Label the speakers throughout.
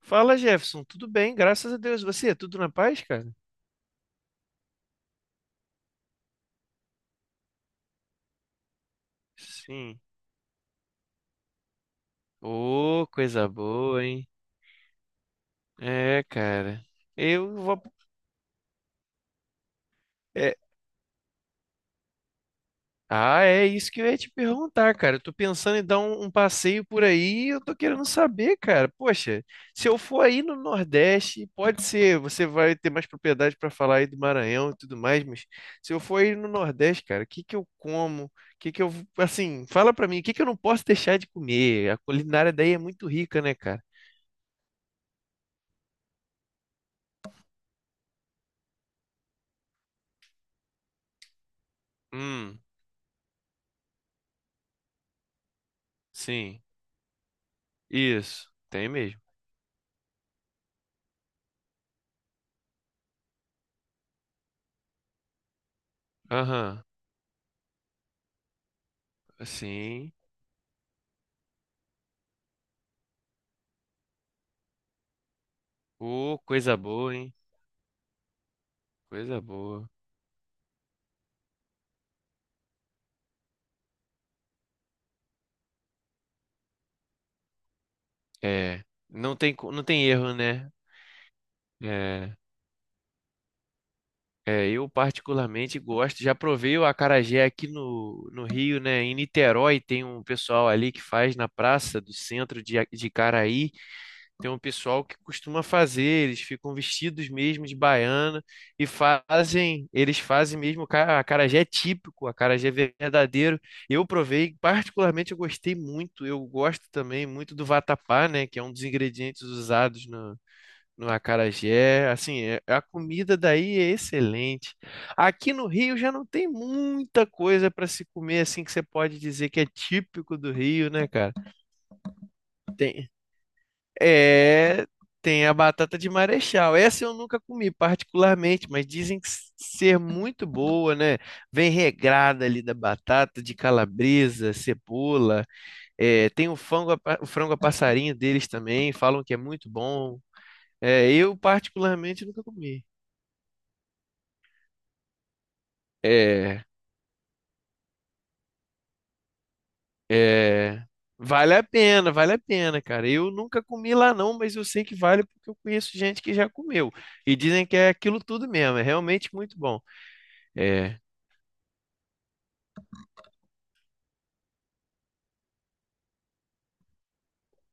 Speaker 1: Fala, Jefferson. Tudo bem? Graças a Deus. Você, tudo na paz, cara? Sim. Ô, coisa boa, hein? É, cara. Eu vou. Ah, é isso que eu ia te perguntar, cara. Eu tô pensando em dar um passeio por aí, e eu tô querendo saber, cara. Poxa, se eu for aí no Nordeste, pode ser, você vai ter mais propriedade para falar aí do Maranhão e tudo mais, mas se eu for aí no Nordeste, cara, o que que eu como? O que que eu, assim, fala pra mim, o que que eu não posso deixar de comer? A culinária daí é muito rica, né, cara? Hum, sim. Isso, tem mesmo. Aham, sim. Ô, coisa boa, hein? Coisa boa. É, não tem, não tem erro, né? É, é, eu particularmente gosto. Já provei o acarajé aqui no Rio, né? Em Niterói tem um pessoal ali que faz na praça do centro de, de Caraí. Tem um pessoal que costuma fazer. Eles ficam vestidos mesmo de baiana e fazem. Eles fazem mesmo o acarajé típico, acarajé verdadeiro. Eu provei, particularmente eu gostei muito. Eu gosto também muito do vatapá, né? Que é um dos ingredientes usados no acarajé, assim, a comida daí é excelente. Aqui no Rio já não tem muita coisa para se comer assim que você pode dizer que é típico do Rio, né, cara? Tem, é, tem a batata de Marechal. Essa eu nunca comi particularmente, mas dizem que ser muito boa, né? Vem regrada ali da batata, de calabresa, cebola. É, tem o frango, o frango a passarinho deles também, falam que é muito bom. É, eu particularmente nunca comi. É, é, vale a pena, cara. Eu nunca comi lá não, mas eu sei que vale porque eu conheço gente que já comeu e dizem que é aquilo tudo mesmo, é realmente muito bom. É,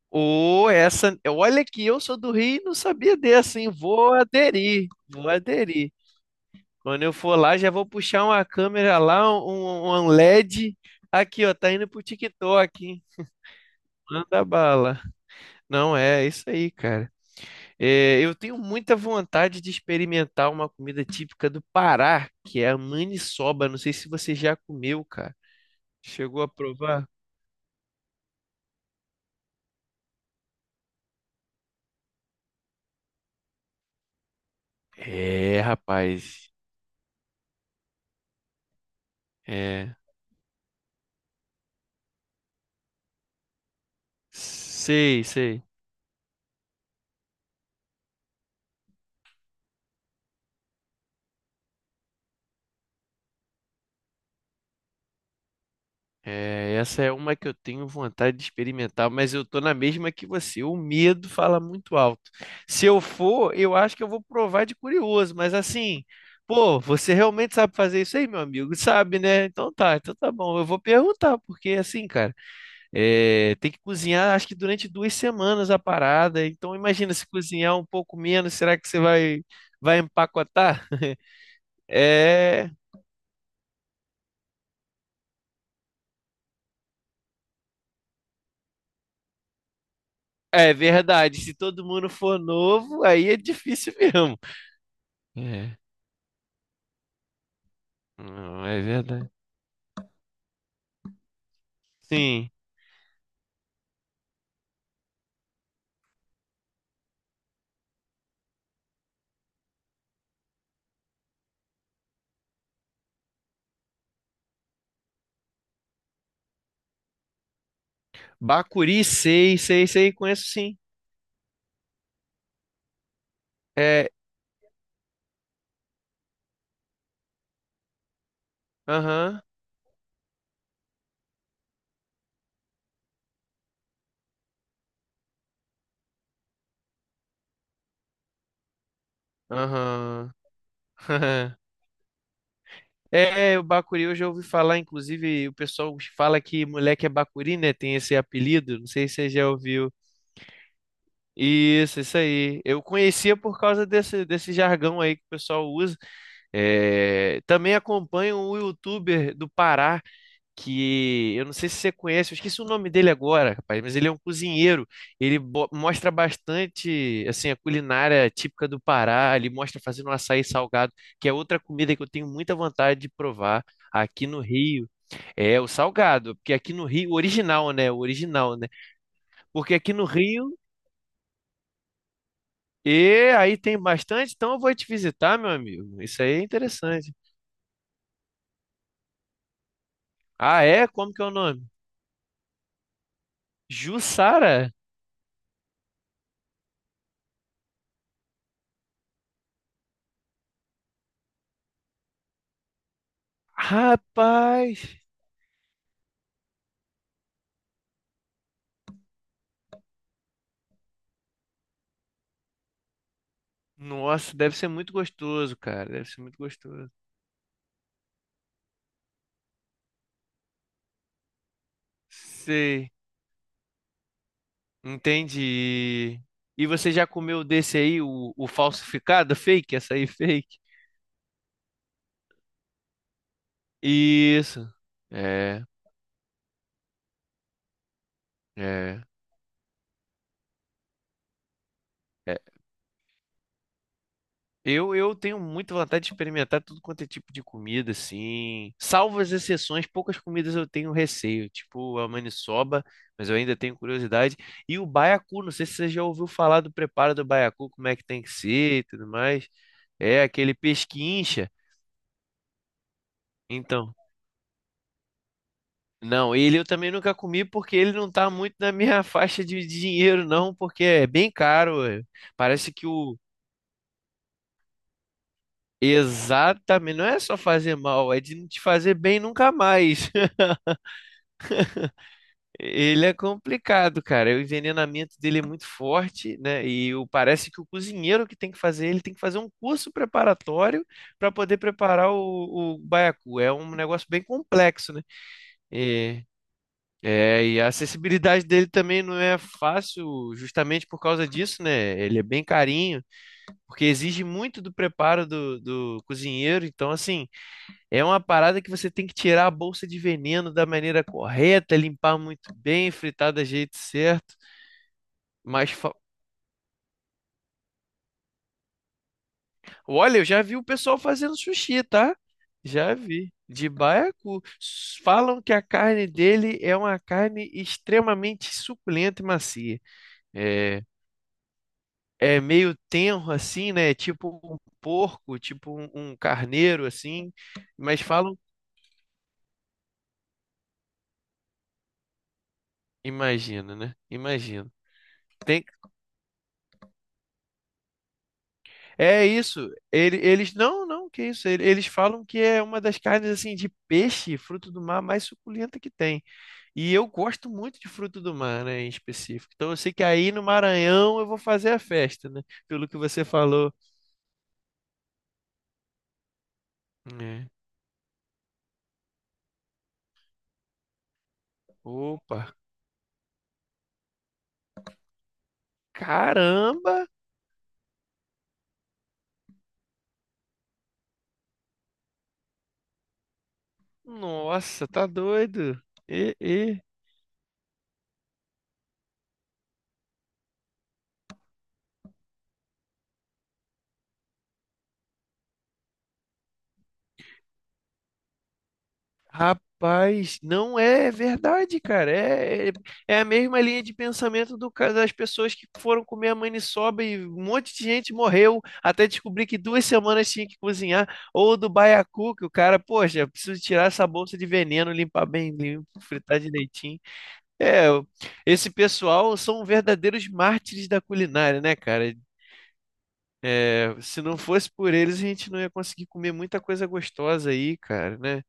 Speaker 1: ou essa, olha que eu sou do Rio e não sabia dessa, hein? Vou aderir, vou aderir. Quando eu for lá, já vou puxar uma câmera lá, um LED. Aqui, ó, tá indo pro TikTok, hein? Manda bala. Não, é isso aí, cara. É, eu tenho muita vontade de experimentar uma comida típica do Pará, que é a maniçoba. Não sei se você já comeu, cara. Chegou a provar? É, rapaz. É, sei, sei. É, essa é uma que eu tenho vontade de experimentar, mas eu tô na mesma que você. O medo fala muito alto. Se eu for, eu acho que eu vou provar de curioso, mas assim, pô, você realmente sabe fazer isso aí, meu amigo? Sabe, né? Então tá bom. Eu vou perguntar, porque assim, cara. É, tem que cozinhar, acho que durante duas semanas a parada. Então, imagina se cozinhar um pouco menos, será que você vai, vai empacotar? É, é verdade. Se todo mundo for novo, aí é difícil mesmo. É, não, é verdade. Sim. Bacuri, sei, sei, sei, conheço sim. É, aham, aham. É, o Bacuri eu já ouvi falar, inclusive o pessoal fala que moleque é Bacuri, né? Tem esse apelido, não sei se você já ouviu. Isso aí. Eu conhecia por causa desse jargão aí que o pessoal usa. É, também acompanho um youtuber do Pará, que eu não sei se você conhece, eu esqueci o nome dele agora, rapaz, mas ele é um cozinheiro. Ele mostra bastante assim, a culinária típica do Pará. Ele mostra fazendo um açaí salgado, que é outra comida que eu tenho muita vontade de provar aqui no Rio. É o salgado, porque aqui no Rio, o original, né? O original, né? Porque aqui no Rio. E aí tem bastante, então eu vou te visitar, meu amigo. Isso aí é interessante. Ah, é? Como que é o nome? Jussara? Rapaz! Nossa, deve ser muito gostoso, cara. Deve ser muito gostoso. Sei, entendi. E você já comeu desse aí, o falsificado, fake, açaí fake? Isso. É, é. É. Eu tenho muita vontade de experimentar tudo quanto é tipo de comida, assim. Salvo as exceções, poucas comidas eu tenho receio, tipo a maniçoba, mas eu ainda tenho curiosidade. E o baiacu, não sei se você já ouviu falar do preparo do baiacu, como é que tem que ser e tudo mais. É aquele pesquincha. Então, não, ele eu também nunca comi porque ele não tá muito na minha faixa de dinheiro, não, porque é bem caro. É. Parece que o. Exatamente, não é só fazer mal, é de não te fazer bem nunca mais. Ele é complicado, cara. O envenenamento dele é muito forte, né? E parece que o cozinheiro que tem que fazer, ele tem que fazer um curso preparatório para poder preparar o baiacu. É um negócio bem complexo, né? E, é, e a acessibilidade dele também não é fácil, justamente por causa disso, né? Ele é bem carinho, porque exige muito do preparo do cozinheiro. Então, assim. É uma parada que você tem que tirar a bolsa de veneno da maneira correta, limpar muito bem, fritar do jeito certo. Mas fa- olha, eu já vi o pessoal fazendo sushi, tá? Já vi. De baiacu. Falam que a carne dele é uma carne extremamente suculenta e macia. É, é meio tenro assim, né? Tipo um porco, tipo um carneiro assim. Mas falam, imagina, né? Imagina. Tem. É isso. Eles não, não, que isso. Eles falam que é uma das carnes assim de peixe, fruto do mar mais suculenta que tem. E eu gosto muito de fruto do mar, né, em específico. Então eu sei que aí no Maranhão eu vou fazer a festa, né? Pelo que você falou. É. Opa, caramba! Nossa, tá doido. E, e. Rapaz, não é é verdade, cara. É, é, é a mesma linha de pensamento do, das pessoas que foram comer a maniçoba e um monte de gente morreu até descobrir que duas semanas tinha que cozinhar. Ou do baiacu, que o cara, poxa, preciso tirar essa bolsa de veneno, limpar bem limpo, fritar direitinho. É, esse pessoal são verdadeiros mártires da culinária, né, cara? É, se não fosse por eles, a gente não ia conseguir comer muita coisa gostosa aí, cara, né?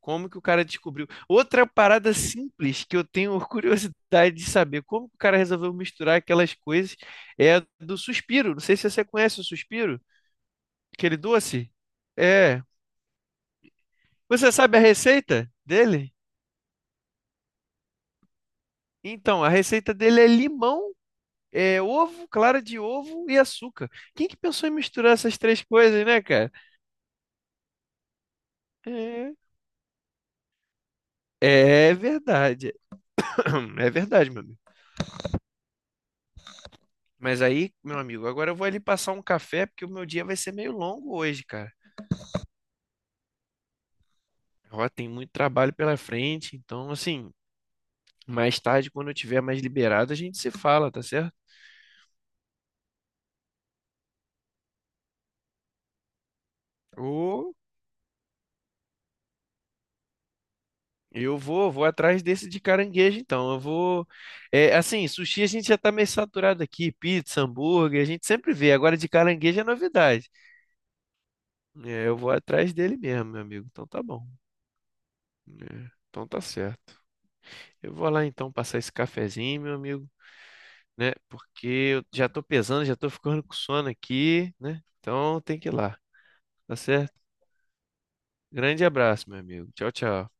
Speaker 1: Como que o cara descobriu? Outra parada simples que eu tenho curiosidade de saber, como que o cara resolveu misturar aquelas coisas, é a do suspiro. Não sei se você conhece o suspiro, aquele doce. É. Você sabe a receita dele? Então, a receita dele é limão, é ovo, clara de ovo e açúcar. Quem que pensou em misturar essas três coisas, né, cara? É, é verdade. É verdade, meu amigo. Mas aí, meu amigo, agora eu vou ali passar um café, porque o meu dia vai ser meio longo hoje, cara. Ó, tem muito trabalho pela frente, então, assim, mais tarde, quando eu tiver mais liberado, a gente se fala, tá certo? Ô, eu vou, vou atrás desse de caranguejo, então. Eu vou. É, assim, sushi a gente já tá meio saturado aqui, pizza, hambúrguer, a gente sempre vê. Agora de caranguejo é novidade. É, eu vou atrás dele mesmo, meu amigo. Então tá bom. É, então tá certo. Eu vou lá então passar esse cafezinho, meu amigo, né? Porque eu já tô pesando, já tô ficando com sono aqui, né? Então tem que ir lá, tá certo? Grande abraço, meu amigo. Tchau, tchau.